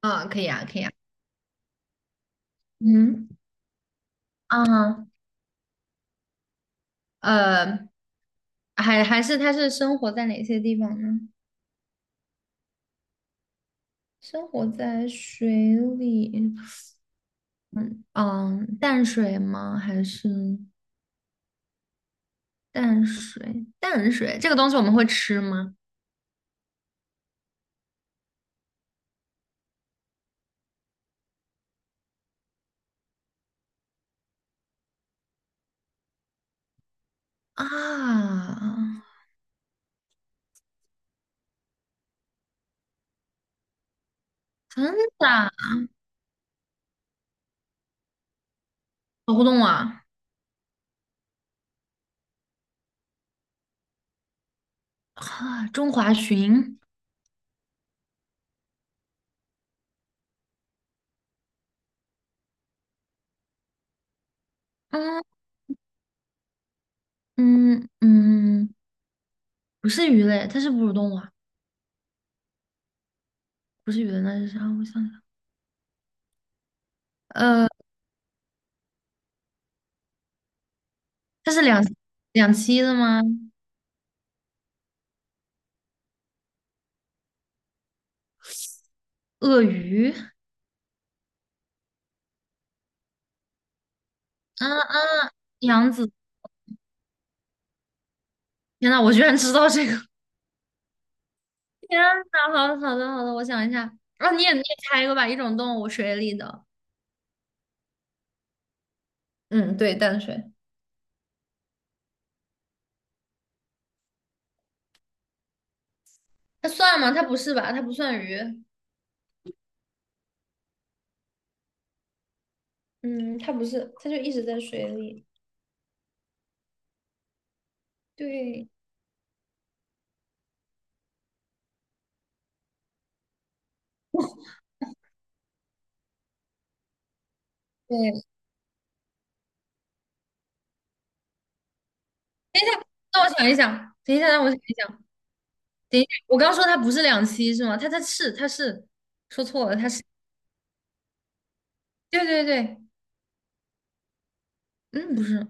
啊，可以啊，可以啊。嗯，啊，呃，还是它是生活在哪些地方呢？生活在水里，嗯，淡水吗？还是淡水？淡水这个东西我们会吃吗？啊，真的啊，好互动啊！啊，中华鲟，嗯嗯嗯，不是鱼类，它是哺乳动物啊，不是鱼类，那是啥？我想想，呃，它是两栖的吗？鳄鱼？啊啊，杨紫，天呐，我居然知道这个！天呐，好的好的好的，我想一下，啊，你也猜一个吧，一种动物，水里的，嗯，对，淡水。它算吗？它不是吧？它不算鱼。嗯，它不是，它就一直在水里。对，对，等一下，让我想一想，等一下，让我想一想，等一下，我刚说它不是两栖是吗？它是，说错了，它是，对对对，嗯，不是，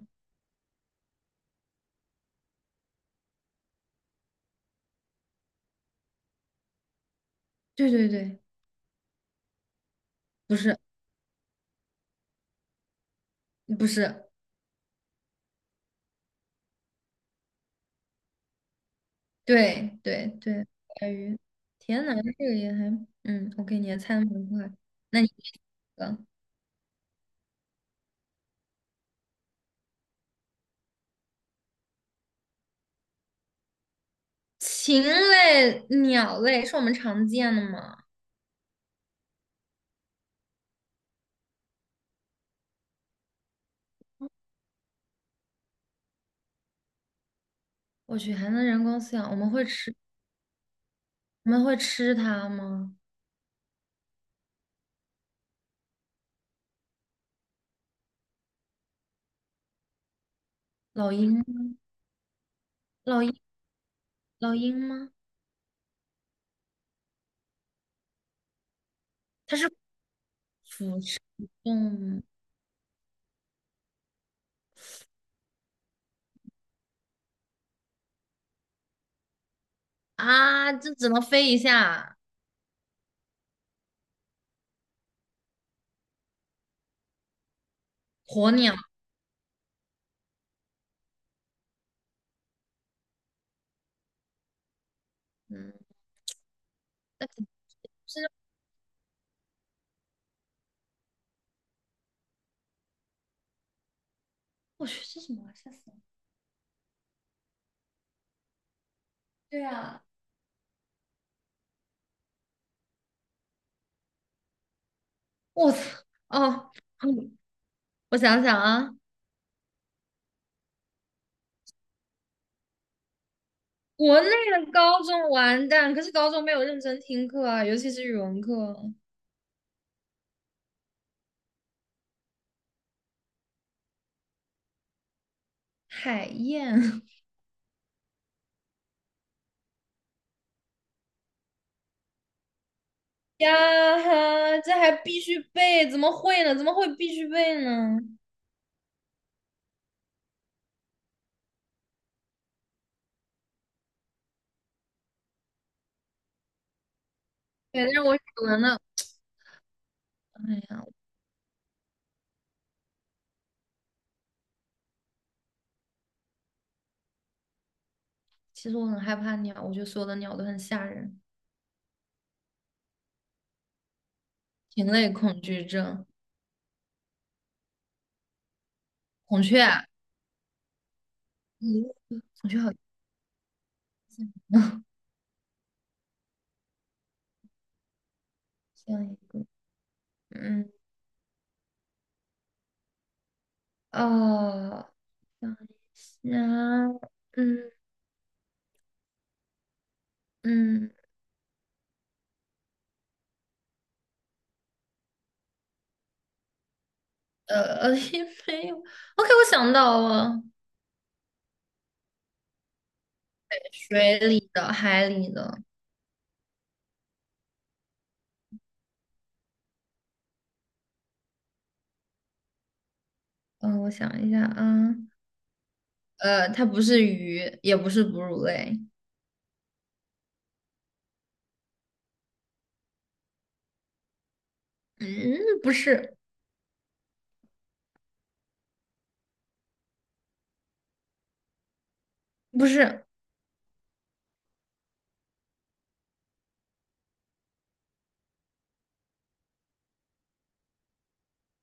对对对，不是不是，对对对，小鱼，天呐，这个也还，我给你还猜的蛮快。那你一个禽类、鸟类是我们常见的吗？我去，还能人工饲养？我们会吃，我们会吃它吗？老鹰吗？老鹰，老鹰吗？它是腐食动物啊，这只能飞一下。鸵鸟，嗯，那肯我去，这什么玩意儿吓死我了！对啊，我操，哦，嗯，我想想啊，国内的高中完蛋，可是高中没有认真听课啊，尤其是语文课。海燕 呀哈，这还必须背，怎么会呢？怎么会必须背呢？对，但是我语文的，哎呀，其实我很害怕鸟，我觉得所有的鸟都很吓人，禽类恐惧症，孔雀啊，嗯，孔雀好像像一个，嗯，哦，想一下，嗯嗯，也没有，OK，我想到了。水里的、海里的，嗯、我想一下啊，呃，它不是鱼，也不是哺乳类，嗯，不是，不是，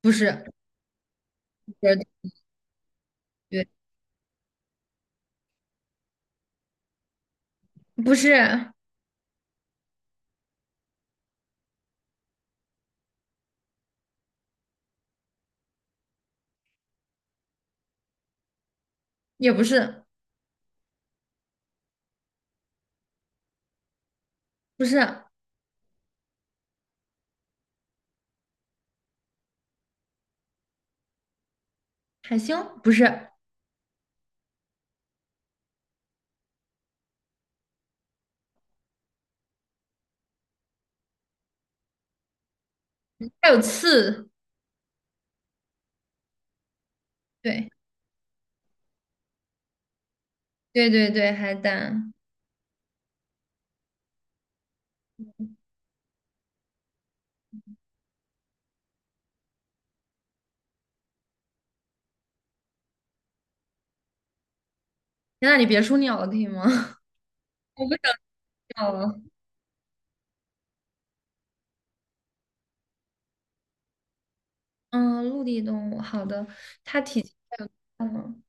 不是，不是，对，不是，也不是，不是海星，不是，它有刺，对，对对对，海胆。天呐，你别说鸟了，可以吗？我不想鸟了。嗯，陆地动物，好的，它体积嗯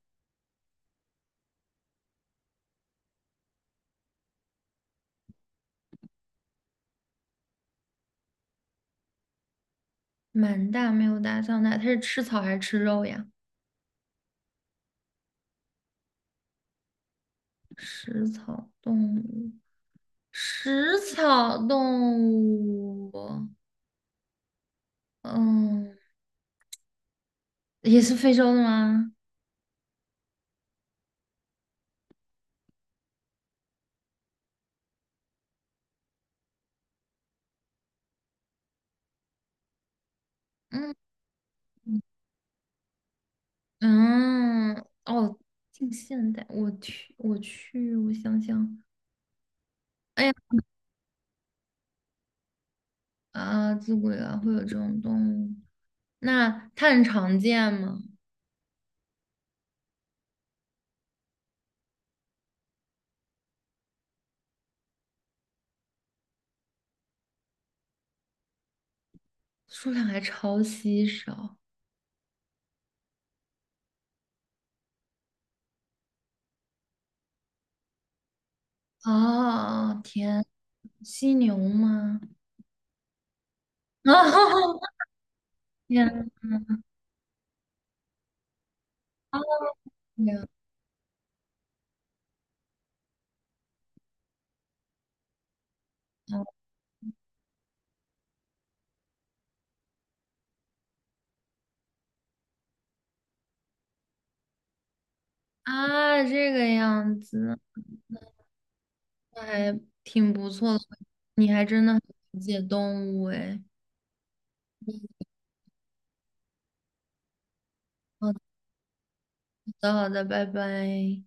蛮大，没有大象大，它是吃草还是吃肉呀？食草动物。食草动物，嗯，也是非洲的吗？嗯嗯，哦，近现代，我去，我去，我想想，哎呀，啊，自古以来会有这种动物，那它很常见吗？数量还超稀少。哦，天，犀牛吗？哦，天啊，啊，这个样子。那还挺不错的，你还真的很了解动物哎。好的，好的，拜拜。